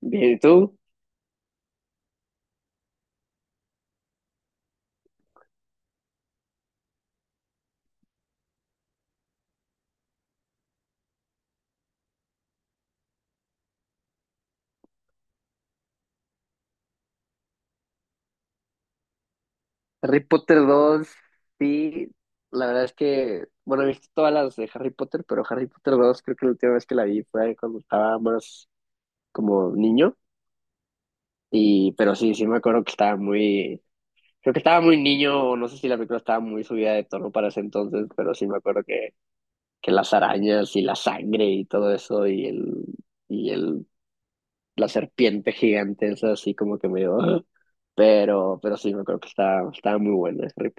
Bien, ¿y tú? Harry Potter dos, sí, la verdad es que, bueno, he visto todas las de Harry Potter, pero Harry Potter dos creo que la última vez que la vi fue cuando estaba más como niño, y pero sí, sí me acuerdo que estaba muy, creo que estaba muy niño, o no sé si la película estaba muy subida de tono para ese entonces, pero sí me acuerdo que las arañas y la sangre y todo eso, y el, la serpiente gigante, esa así como que me dio, pero sí me acuerdo que estaba muy buena Harry.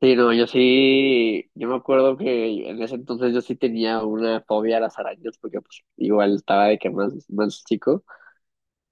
Sí, no, yo sí, yo me acuerdo que en ese entonces yo sí tenía una fobia a las arañas, porque pues igual estaba de que más chico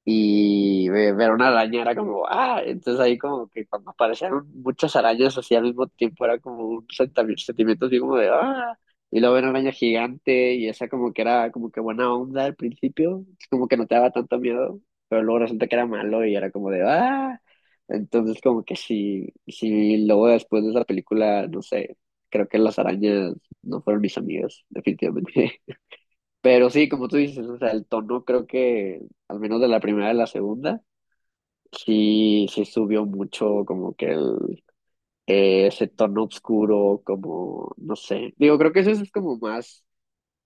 y ver una araña era como, ah, entonces ahí como que cuando aparecieron muchas arañas así al mismo tiempo era como un sentimiento así como de, ah, y luego ver una araña gigante y esa como que era como que buena onda al principio, como que no te daba tanto miedo, pero luego resulta que era malo y era como de, ah, entonces como que sí, sí, luego después de esa película, no sé, creo que las arañas no fueron mis amigas, definitivamente. Pero sí, como tú dices, o sea, el tono creo que, al menos de la primera a la segunda, sí, sí subió mucho como que el, ese tono oscuro, como, no sé, digo, creo que eso es como más,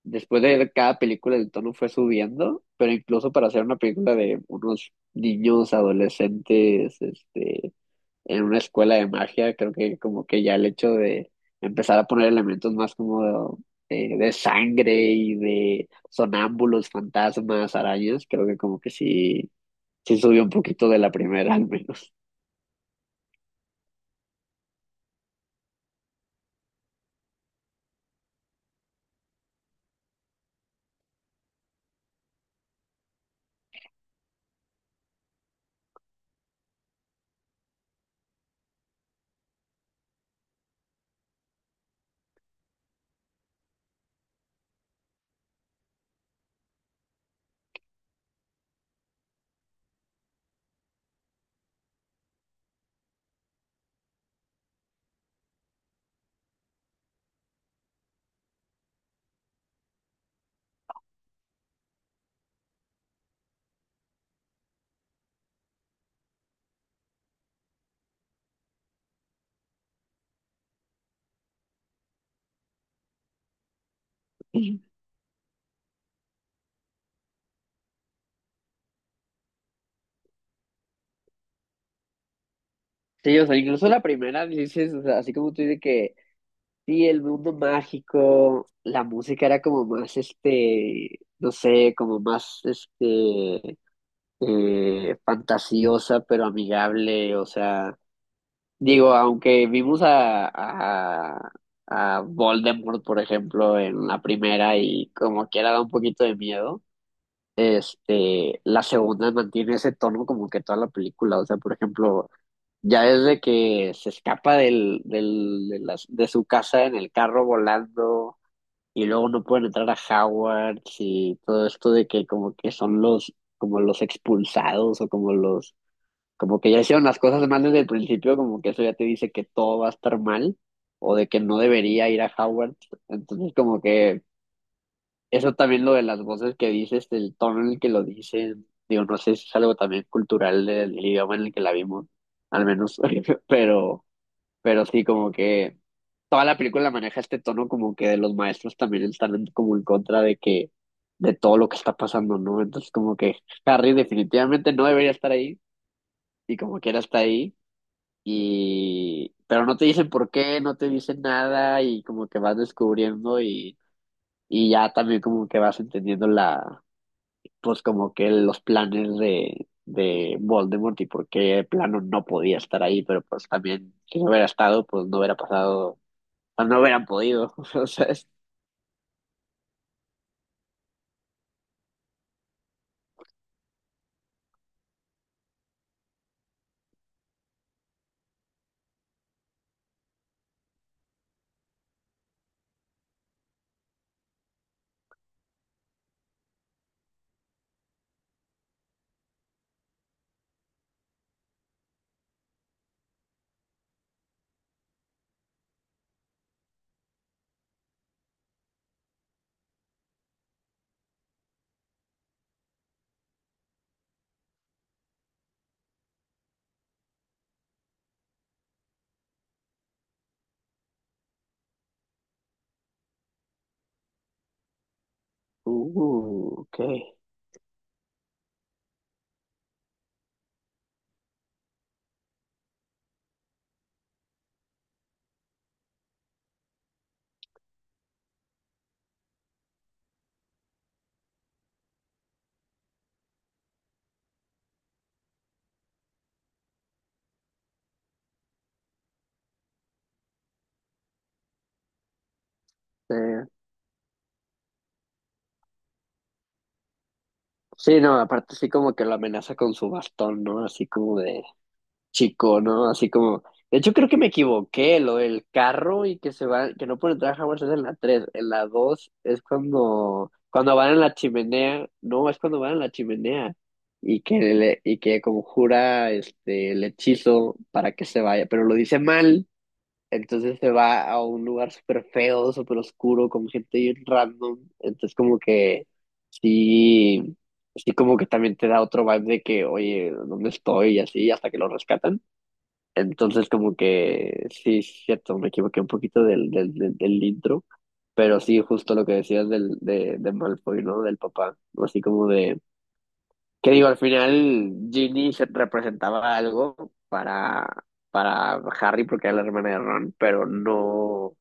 después de cada película el tono fue subiendo, pero incluso para hacer una película de unos niños adolescentes, este en una escuela de magia, creo que como que ya el hecho de empezar a poner elementos más como de, sangre y de sonámbulos, fantasmas, arañas, creo que como que sí, sí subió un poquito de la primera al menos. Sí, o sea, incluso la primera, dices, o sea, así como tú dices que sí, el mundo mágico, la música era como más, este, no sé, como más, este, fantasiosa, pero amigable, o sea digo, aunque vimos a, a, a Voldemort, por ejemplo, en la primera y como quiera da un poquito de miedo, este, la segunda mantiene ese tono como que toda la película. O sea, por ejemplo, ya desde que se escapa de de su casa en el carro volando y luego no pueden entrar a Hogwarts y todo esto de que como que son los, como los expulsados o como los, como que ya hicieron las cosas mal desde el principio, como que eso ya te dice que todo va a estar mal o de que no debería ir a Howard. Entonces, como que eso también lo de las voces que dices, el tono en el que lo dicen, digo, no sé si es algo también cultural del idioma en el que la vimos, al menos, pero, pero sí, como que toda la película maneja este tono como que de los maestros también están como en contra de que, de todo lo que está pasando, ¿no? Entonces, como que Harry definitivamente no debería estar ahí y como quiera está ahí y pero no te dicen por qué, no te dicen nada y como que vas descubriendo y ya también como que vas entendiendo la, pues como que los planes de Voldemort y por qué el plano no podía estar ahí, pero pues también si no hubiera estado, pues no hubiera pasado, o no hubieran podido, o sea, es, ok. Eh, sí, no, aparte sí como que lo amenaza con su bastón, ¿no? Así como de chico, ¿no? Así como, de hecho creo que me equivoqué, lo del carro y que se va, que no pueden entrar a Hogwarts es en la 3, en la 2 es cuando, cuando van en la chimenea, no, es cuando van en la chimenea y que le, y que conjura este el hechizo para que se vaya, pero lo dice mal, entonces se va a un lugar súper feo, súper oscuro, con gente bien random, entonces como que sí, sí como que también te da otro vibe de que, oye, ¿dónde estoy? Y así, hasta que lo rescatan. Entonces, como que sí, es cierto, me equivoqué un poquito del intro, pero sí, justo lo que decías del, de Malfoy, ¿no? Del papá, así como de, que digo, al final Ginny se representaba algo para, para Harry porque era la hermana de Ron, pero no,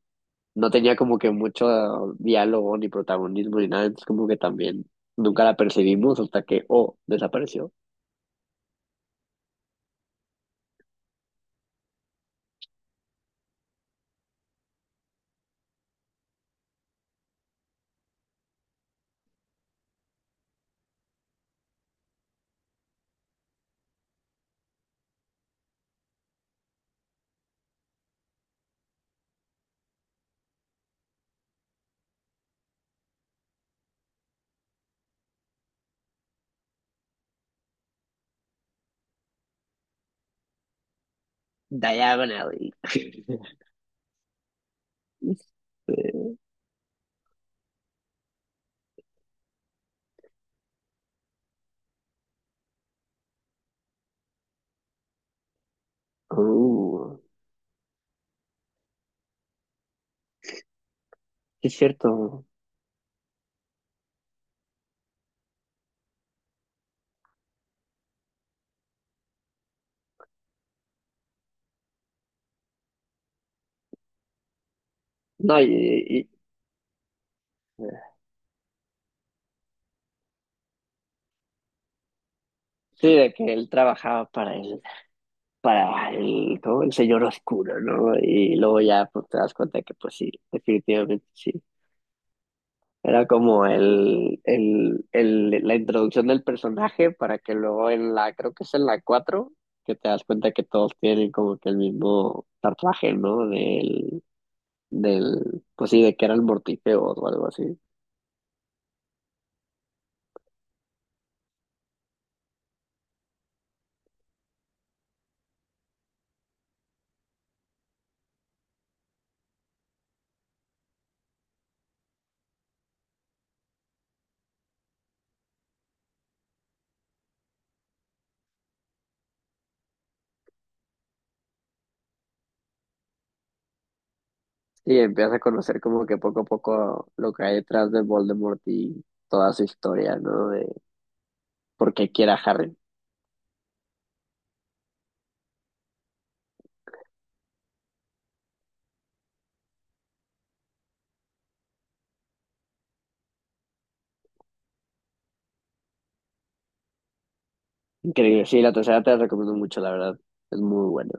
no tenía como que mucho diálogo ni protagonismo ni nada, entonces como que también nunca la percibimos hasta que, oh, desapareció. Diagonally. Este, uh. Es cierto. No, sí, de que él trabajaba para el, ¿cómo?, el señor oscuro, ¿no? Y luego ya pues, te das cuenta que pues sí, definitivamente sí. Era como la introducción del personaje para que luego en la, creo que es en la cuatro, que te das cuenta que todos tienen como que el mismo tatuaje, ¿no? Del, pues sí, de que era el Mortífero o algo así. Y empiezas a conocer como que poco a poco lo que hay detrás de Voldemort y toda su historia, ¿no? De por qué quiere a Harry. Increíble. Sí, la tercera te la recomiendo mucho, la verdad. Es muy buena.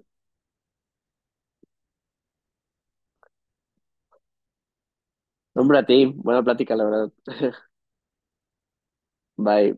Hombre, a ti. Buena plática, la verdad. Bye.